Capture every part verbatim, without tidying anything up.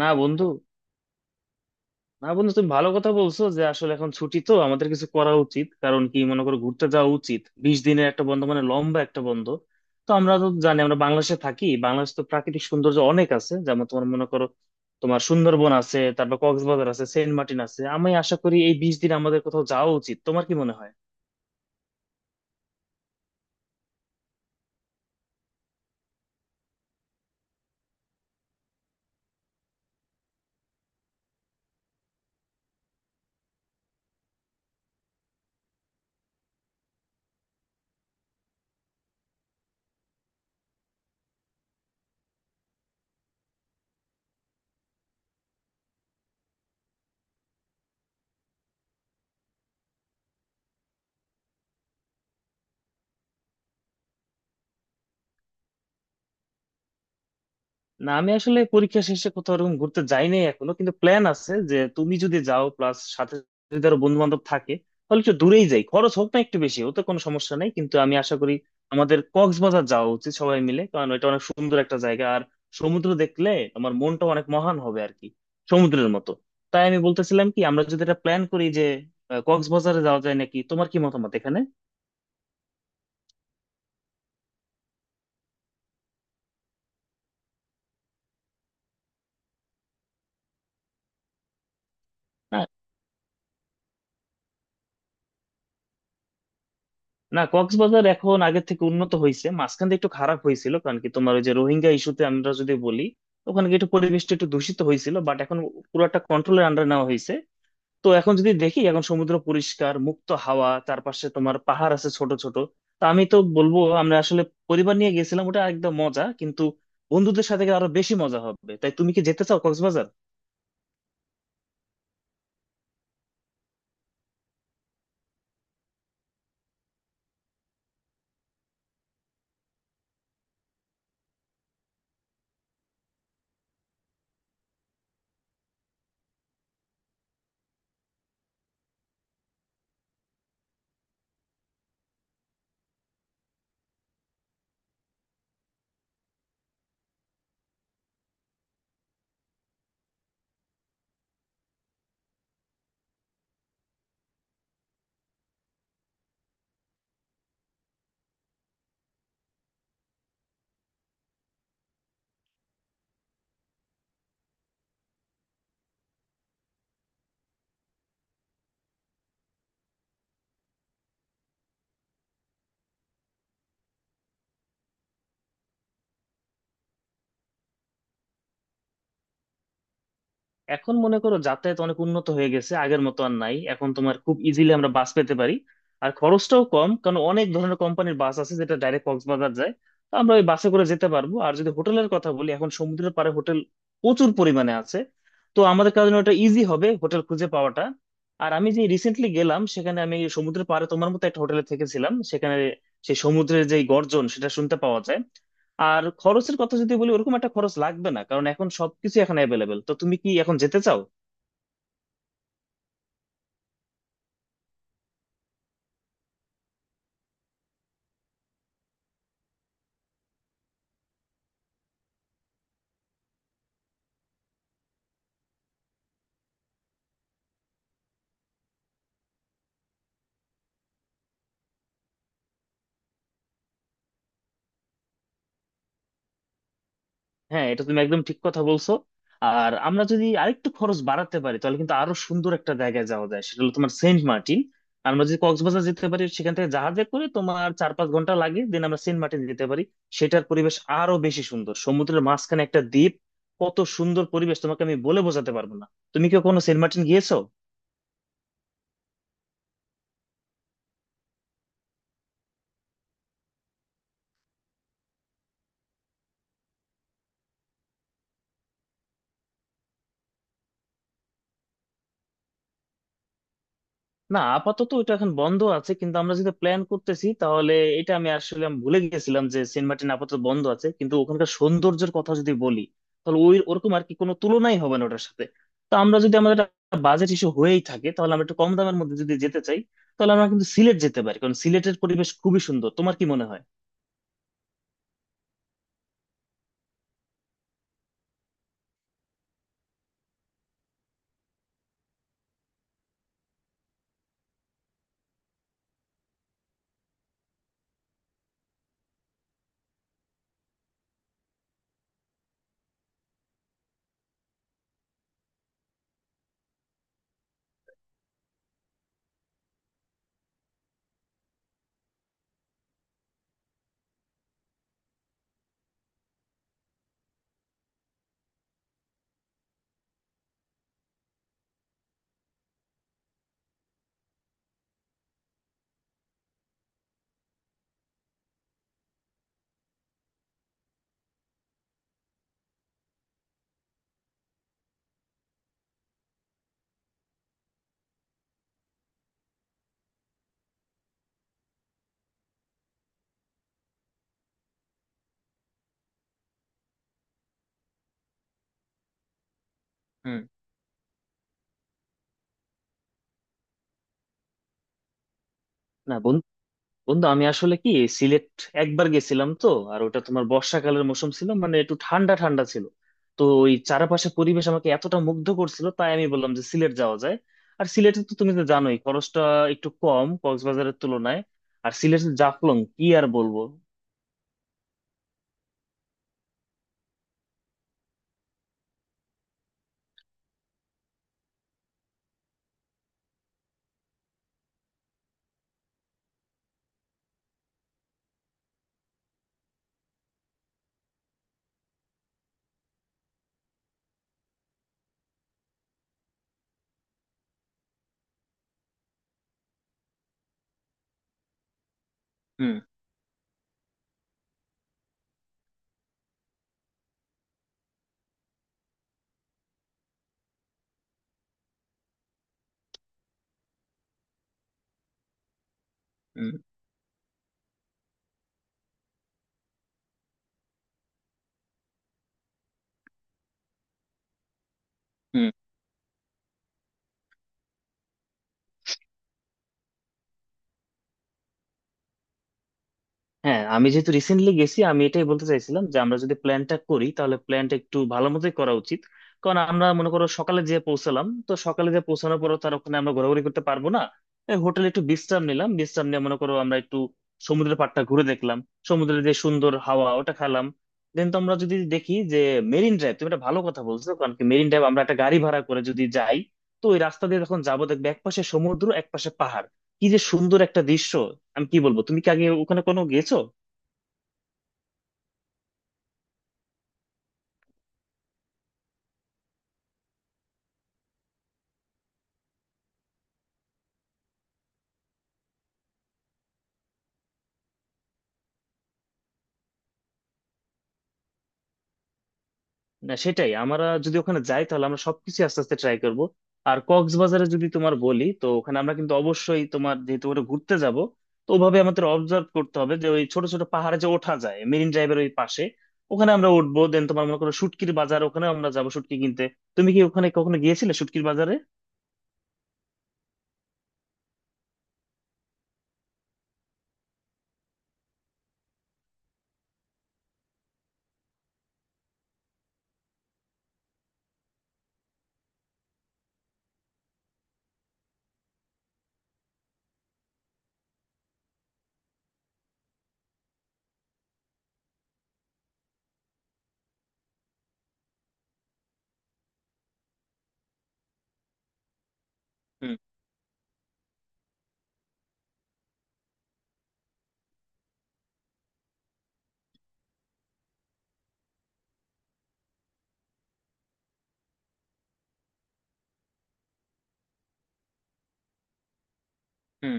না, বন্ধু। না, বন্ধু, তুমি ভালো কথা বলছো যে আসলে এখন ছুটি, তো আমাদের কিছু করা উচিত। কারণ কি, মনে করো, ঘুরতে যাওয়া উচিত। বিশ দিনের একটা বন্ধ, মানে লম্বা একটা বন্ধ। তো আমরা তো জানি আমরা বাংলাদেশে থাকি, বাংলাদেশ তো প্রাকৃতিক সৌন্দর্য অনেক আছে। যেমন, তোমার মনে করো, তোমার সুন্দরবন আছে, তারপর কক্সবাজার আছে, সেন্ট মার্টিন আছে। আমি আশা করি এই বিশ দিন আমাদের কোথাও যাওয়া উচিত, তোমার কি মনে হয়? না, আমি আসলে পরীক্ষা শেষে কোথাও ওরকম ঘুরতে যাই নাই এখনো, কিন্তু প্ল্যান আছে যে তুমি যদি যাও প্লাস সাথে যদি আরো বন্ধু বান্ধব থাকে, তাহলে একটু দূরেই যাই। খরচ হোক না একটু বেশি, ওতে কোনো সমস্যা নাই। কিন্তু আমি আশা করি আমাদের কক্সবাজার যাওয়া উচিত সবাই মিলে, কারণ এটা অনেক সুন্দর একটা জায়গা। আর সমুদ্র দেখলে আমার মনটা অনেক মহান হবে, আর কি, সমুদ্রের মতো। তাই আমি বলতেছিলাম কি, আমরা যদি এটা প্ল্যান করি যে আহ, কক্সবাজারে যাওয়া যায় নাকি, তোমার কি মতামত এখানে? না, কক্সবাজার এখন আগের থেকে উন্নত হয়েছে। মাঝখানে একটু খারাপ হয়েছিল, কারণ কি, তোমার ওই যে রোহিঙ্গা ইস্যুতে আমরা যদি বলি, ওখানে কি একটু পরিবেশটা একটু দূষিত হয়েছিল, বাট এখন পুরোটা কন্ট্রোলের আন্ডার নেওয়া হয়েছে। তো এখন যদি দেখি, এখন সমুদ্র পরিষ্কার, মুক্ত হাওয়া, চারপাশে তোমার পাহাড় আছে ছোট ছোট। তা আমি তো বলবো, আমরা আসলে পরিবার নিয়ে গেছিলাম, ওটা একদম মজা। কিন্তু বন্ধুদের সাথে গেলে আরো বেশি মজা হবে। তাই তুমি কি যেতে চাও কক্সবাজার? এখন মনে করো যাতায়াত অনেক উন্নত হয়ে গেছে, আগের মতো আর নাই। এখন তোমার খুব ইজিলি আমরা বাস পেতে পারি, আর খরচটাও কম, কারণ অনেক ধরনের কোম্পানির বাস আছে যেটা ডাইরেক্ট কক্সবাজার যায়। তো আমরা ওই বাসে করে যেতে পারবো। আর যদি হোটেলের কথা বলি, এখন সমুদ্রের পাড়ে হোটেল প্রচুর পরিমাণে আছে। তো আমাদের কারণে ওটা ইজি হবে হোটেল খুঁজে পাওয়াটা। আর আমি যে রিসেন্টলি গেলাম, সেখানে আমি সমুদ্রের পাড়ে তোমার মতো একটা হোটেলে থেকেছিলাম। সেখানে সেই সমুদ্রের যে গর্জন, সেটা শুনতে পাওয়া যায়। আর খরচের কথা যদি বলি, ওরকম একটা খরচ লাগবে না, কারণ এখন সবকিছু এখন অ্যাভেলেবেল। তো তুমি কি এখন যেতে চাও? হ্যাঁ, এটা তুমি একদম ঠিক কথা বলছো। আর আমরা যদি আরেকটু খরচ বাড়াতে পারি, তাহলে কিন্তু আরো সুন্দর একটা জায়গায় যাওয়া যায়। সেটা হলো তোমার সেন্ট মার্টিন। আমরা যদি কক্সবাজার যেতে পারি, সেখান থেকে জাহাজে করে তোমার চার পাঁচ ঘন্টা লাগে, দেন আমরা সেন্ট মার্টিন যেতে পারি। সেটার পরিবেশ আরো বেশি সুন্দর, সমুদ্রের মাঝখানে একটা দ্বীপ। কত সুন্দর পরিবেশ, তোমাকে আমি বলে বোঝাতে পারবো না। তুমি কি কোনো সেন্ট মার্টিন গিয়েছো? না, আপাতত এটা এখন বন্ধ আছে, কিন্তু আমরা যেটা প্ল্যান করতেছি তাহলে। এটা আমি আসলে আমি ভুলে গেছিলাম যে সেন্ট মার্টিন আপাতত বন্ধ আছে। কিন্তু ওখানকার সৌন্দর্যের কথা যদি বলি, তাহলে ওই ওরকম আর কি কোনো তুলনাই হবে না ওটার সাথে। তো আমরা যদি আমাদের বাজেট ইস্যু হয়েই থাকে, তাহলে আমরা একটু কম দামের মধ্যে যদি যেতে চাই, তাহলে আমরা কিন্তু সিলেট যেতে পারি, কারণ সিলেটের পরিবেশ খুবই সুন্দর। তোমার কি মনে হয়? হুম। না, বন্ধু। বন্ধু আমি আসলে কি, সিলেট একবার গেছিলাম তো। আর ওটা তোমার বর্ষাকালের মৌসুম ছিল, মানে একটু ঠান্ডা ঠান্ডা ছিল। তো ওই চারপাশে পরিবেশ আমাকে এতটা মুগ্ধ করছিল, তাই আমি বললাম যে সিলেট যাওয়া যায়। আর সিলেটে তো তুমি তো জানোই খরচটা একটু কম কক্সবাজারের তুলনায়। আর সিলেটের জাফলং কি আর বলবো। হুম। হুম। হুম। হ্যাঁ, আমি যেহেতু রিসেন্টলি গেছি, আমি এটাই বলতে চাইছিলাম যে আমরা যদি প্ল্যানটা করি, তাহলে প্ল্যানটা একটু ভালো মতোই করা উচিত। কারণ আমরা মনে করো সকালে যে পৌঁছালাম, তো সকালে যে পৌঁছানোর পর তার ওখানে আমরা ঘোরাঘুরি করতে পারবো না। হোটেলে একটু বিশ্রাম নিলাম, বিশ্রাম নিয়ে মনে করো আমরা একটু সমুদ্রের পাড়টা ঘুরে দেখলাম, সমুদ্রের যে সুন্দর হাওয়া ওটা খেলাম। দেন তো আমরা যদি দেখি যে, মেরিন ড্রাইভ তুমি একটা ভালো কথা বলছো, কারণ কি, মেরিন ড্রাইভ আমরা একটা গাড়ি ভাড়া করে যদি যাই, তো ওই রাস্তা দিয়ে যখন যাবো দেখবে একপাশে সমুদ্র, একপাশে পাহাড়। কি যে সুন্দর একটা দৃশ্য, আমি কি বলবো। তুমি কি আগে ওখানে কোনো গেছো? না, সেটাই, আমরা যদি ওখানে যাই তাহলে আমরা সবকিছু আস্তে আস্তে ট্রাই করব। আর কক্সবাজারে যদি তোমার বলি, তো ওখানে আমরা কিন্তু অবশ্যই তোমার যেহেতু ওখানে ঘুরতে যাব, তো ওভাবে আমাদের অবজার্ভ করতে হবে যে ওই ছোট ছোট পাহাড়ে যে ওঠা যায় মেরিন ড্রাইভের ওই পাশে, ওখানে আমরা উঠবো। দেন তোমার মনে করো শুটকির বাজার, ওখানে আমরা যাবো শুটকি কিনতে। তুমি কি ওখানে কখনো গিয়েছিলে শুটকির বাজারে? হুম। হুম।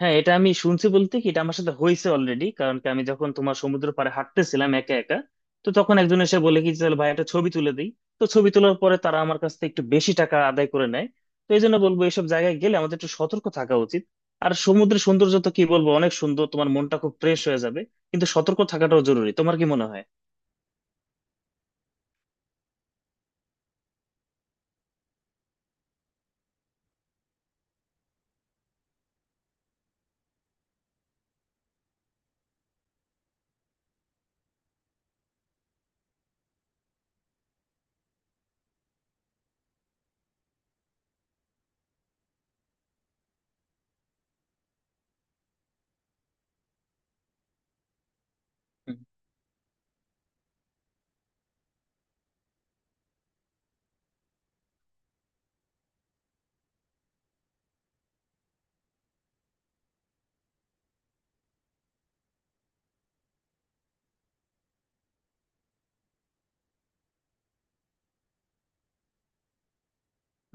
হ্যাঁ, এটা আমি শুনছি। বলতে কি এটা আমার সাথে হয়েছে অলরেডি, কারণ কি, আমি যখন তোমার সমুদ্র পাড়ে হাঁটতেছিলাম একা একা, তো তখন একজন এসে বলে কি, চল ভাই একটা ছবি তুলে দিই। তো ছবি তোলার পরে তারা আমার কাছ থেকে একটু বেশি টাকা আদায় করে নেয়। তো এই জন্য বলবো এইসব জায়গায় গেলে আমাদের একটু সতর্ক থাকা উচিত। আর সমুদ্রের সৌন্দর্য তো কি বলবো, অনেক সুন্দর, তোমার মনটা খুব ফ্রেশ হয়ে যাবে। কিন্তু সতর্ক থাকাটাও জরুরি, তোমার কি মনে হয়?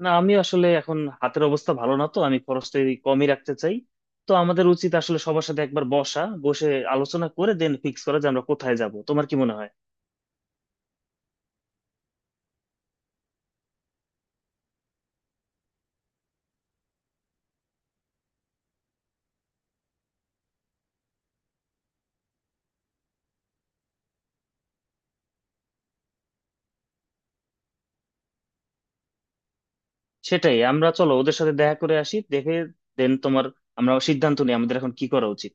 না, আমি আসলে এখন হাতের অবস্থা ভালো না, তো আমি খরচটা এই কমই রাখতে চাই। তো আমাদের উচিত আসলে সবার সাথে একবার বসা, বসে আলোচনা করে দেন ফিক্স করা যে আমরা কোথায় যাব। তোমার কি মনে হয়? সেটাই, আমরা চলো ওদের সাথে দেখা করে আসি, দেখে দেন তোমার আমরা সিদ্ধান্ত নিই আমাদের এখন কি করা উচিত।